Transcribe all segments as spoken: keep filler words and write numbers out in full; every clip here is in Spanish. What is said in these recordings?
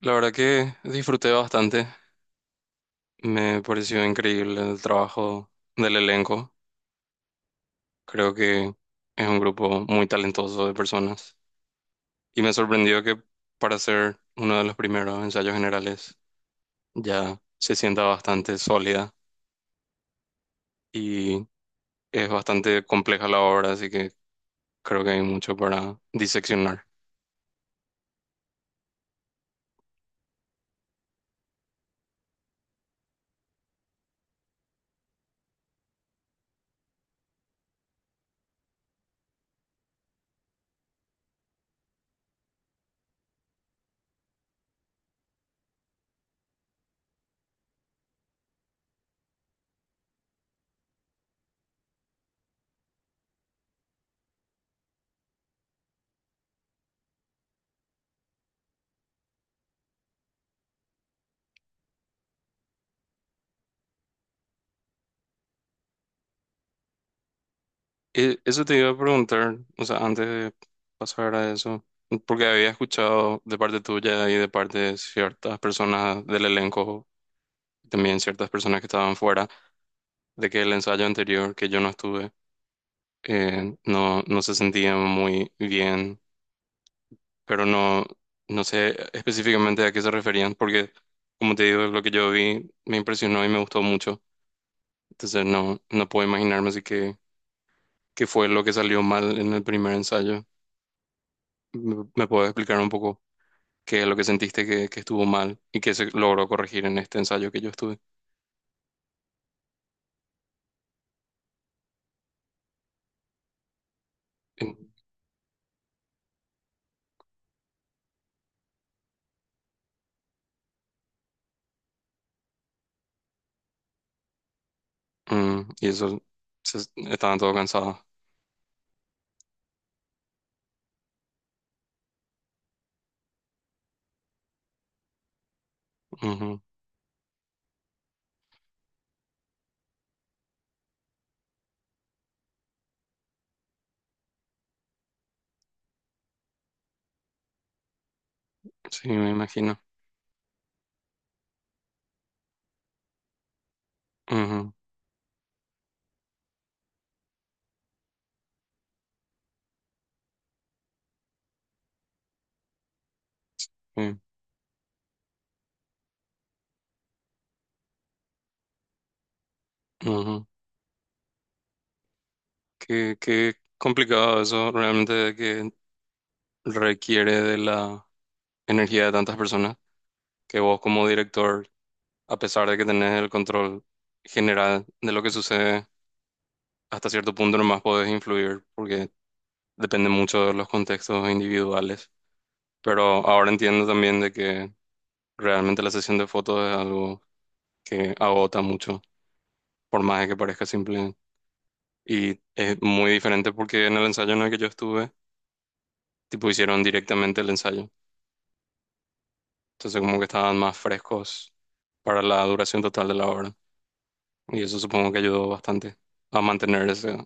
La verdad que disfruté bastante. Me pareció increíble el trabajo del elenco. Creo que es un grupo muy talentoso de personas. Y me sorprendió que para ser uno de los primeros ensayos generales ya se sienta bastante sólida y es bastante compleja la obra, así que creo que hay mucho para diseccionar. Eh, Eso te iba a preguntar, o sea, antes de pasar a eso, porque había escuchado de parte tuya y de parte de ciertas personas del elenco, también ciertas personas que estaban fuera, de que el ensayo anterior que yo no estuve, eh, no, no se sentían muy bien, pero no, no sé específicamente a qué se referían, porque como te digo, lo que yo vi me impresionó y me gustó mucho, entonces no, no puedo imaginarme así que qué fue lo que salió mal en el primer ensayo. ¿Me me puedes explicar un poco qué es lo que sentiste que, que estuvo mal y que se logró corregir en este ensayo que yo estuve? En- mm, y eso, se- estaban todos cansados. Ujú. Sí, me imagino. Ujú, sí, ujú. Qué, qué complicado eso realmente, de que requiere de la energía de tantas personas, que vos como director, a pesar de que tenés el control general de lo que sucede, hasta cierto punto nomás podés influir porque depende mucho de los contextos individuales. Pero ahora entiendo también de que realmente la sesión de fotos es algo que agota mucho, por más de que parezca simple. Y es muy diferente porque en el ensayo en el que yo estuve, tipo hicieron directamente el ensayo. Entonces como que estaban más frescos para la duración total de la obra. Y eso supongo que ayudó bastante a mantener ese-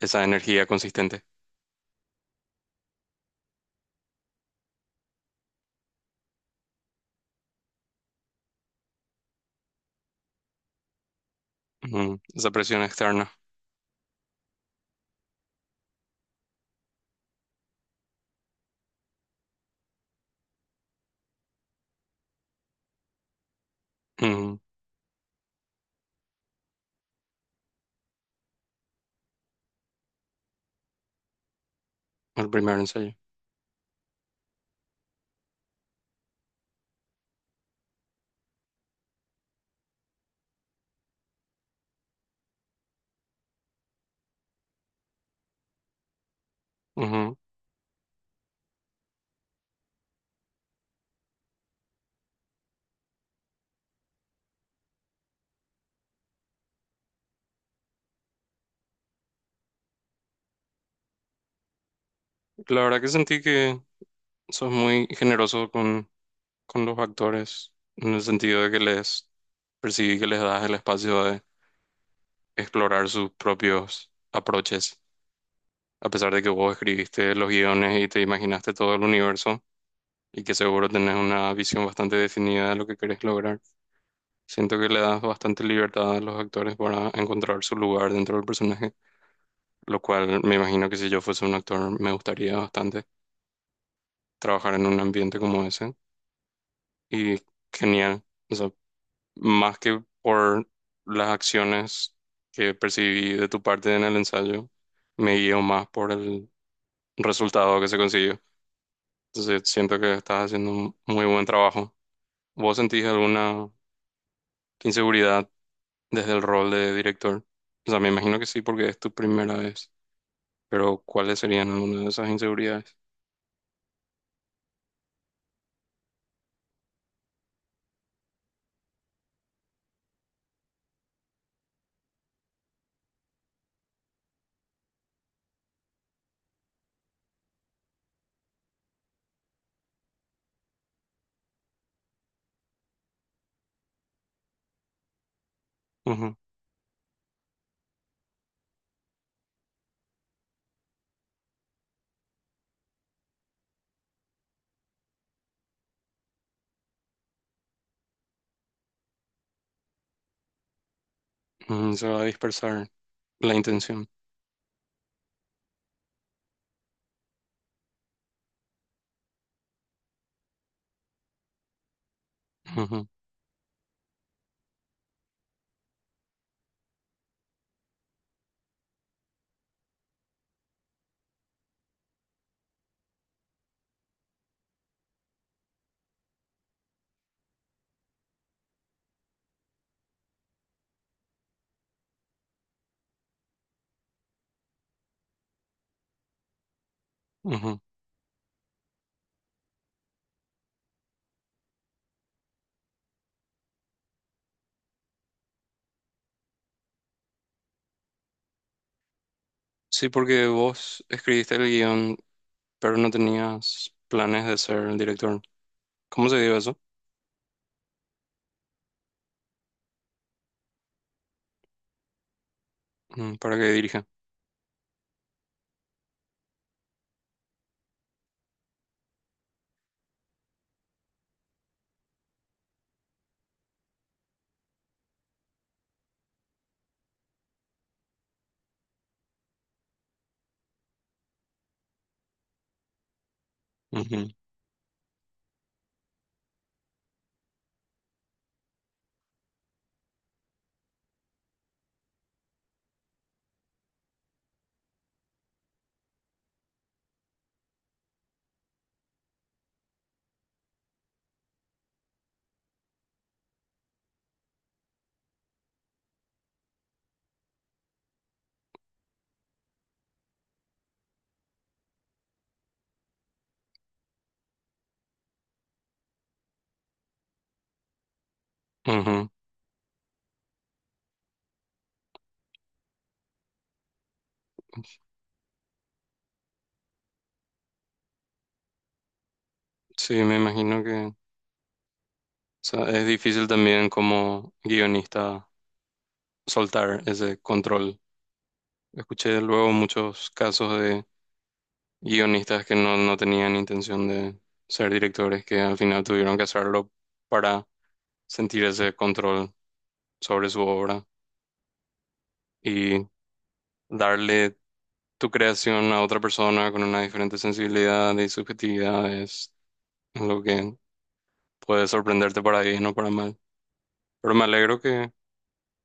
esa energía consistente. Ujú. Esa presión externa. Ujú. El primer ensayo. Ujú. La verdad que sentí que sos muy generoso con, con los actores, en el sentido de que les percibí que les das el espacio de explorar sus propios aproches, a pesar de que vos escribiste los guiones y te imaginaste todo el universo y que seguro tenés una visión bastante definida de lo que querés lograr. Siento que le das bastante libertad a los actores para encontrar su lugar dentro del personaje, lo cual me imagino que si yo fuese un actor me gustaría bastante trabajar en un ambiente como ese. Y genial. Más que por las acciones que percibí de tu parte en el ensayo, me guío más por el resultado que se consiguió. Entonces siento que estás haciendo un muy buen trabajo. ¿Vos sentís alguna inseguridad desde el rol de director? O sea, me imagino que sí, porque es tu primera vez, pero ¿cuáles serían algunas de esas inseguridades? Ujú, ujú. Se va a dispersar la intención. Ujú, ujú. Sí, porque vos escribiste el guión, pero no tenías planes de ser el director. ¿Cómo se dio eso? Mm. Para que dirija. Ujú, ujú. Sí, me imagino que, o sea, es difícil también como guionista soltar ese control. Escuché luego muchos casos de guionistas que no, no tenían intención de ser directores, que al final tuvieron que hacerlo para sentir ese control sobre su obra. Y darle tu creación a otra persona con una diferente sensibilidad y subjetividad es lo que puede sorprenderte para bien o para mal. Pero me alegro que,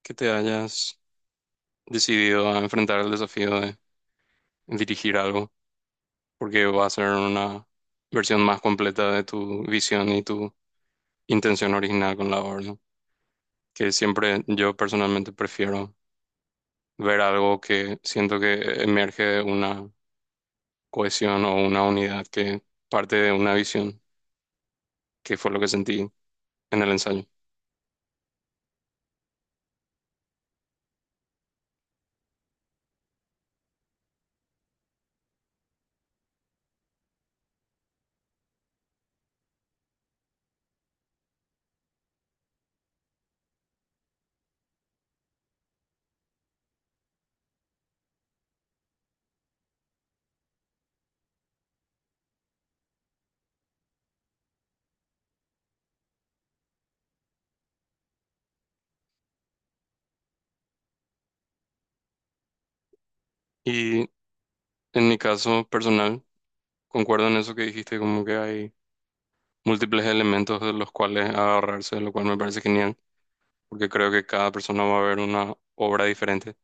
que te hayas decidido a enfrentar el desafío de dirigir algo, porque va a ser una versión más completa de tu visión y tu intención original con la obra, ¿no? Que siempre yo personalmente prefiero ver algo que siento que emerge de una cohesión o una unidad que parte de una visión, que fue lo que sentí en el ensayo. Y en mi caso personal, concuerdo en eso que dijiste, como que hay múltiples elementos de los cuales agarrarse, lo cual me parece genial, porque creo que cada persona va a ver una obra diferente.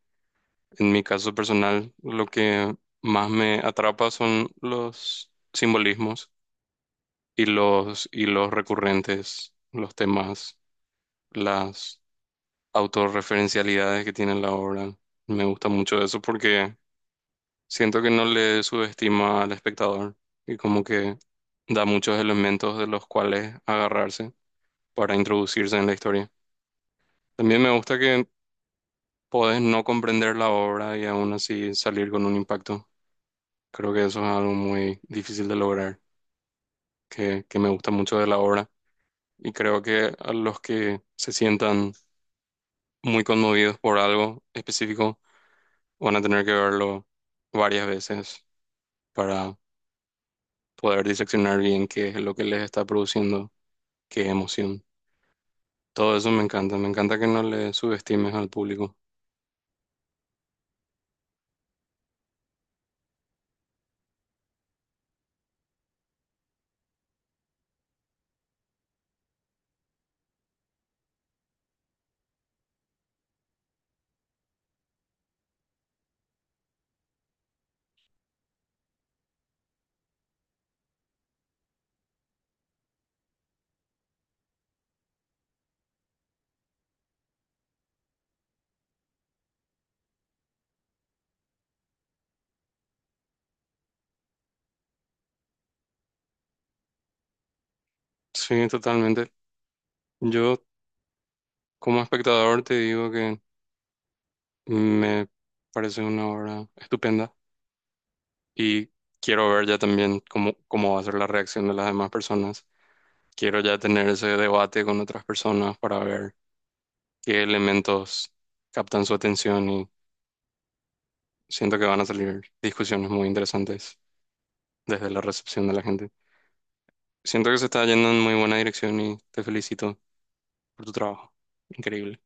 En mi caso personal, lo que más me atrapa son los simbolismos y los y los recurrentes, los temas, las autorreferencialidades que tiene la obra. Me gusta mucho eso porque siento que no le subestima al espectador y como que da muchos elementos de los cuales agarrarse para introducirse en la historia. También me gusta que podés no comprender la obra y aún así salir con un impacto. Creo que eso es algo muy difícil de lograr, que, que me gusta mucho de la obra. Y creo que a los que se sientan muy conmovidos por algo específico van a tener que verlo varias veces para poder diseccionar bien qué es lo que les está produciendo, qué emoción. Todo eso me encanta, me encanta que no le subestimes al público. Sí, totalmente. Yo como espectador te digo que... me parece una obra estupenda y quiero ver ya también cómo, cómo va a ser la reacción de las demás personas. Quiero ya tener ese debate con otras personas para ver qué elementos captan su atención y siento que van a salir discusiones muy interesantes desde la recepción de la gente. Siento que se está yendo en muy buena dirección y te felicito por tu trabajo. Increíble.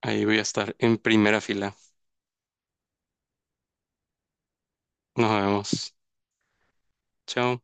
Ahí voy a estar en primera fila. Nos vemos. Chao.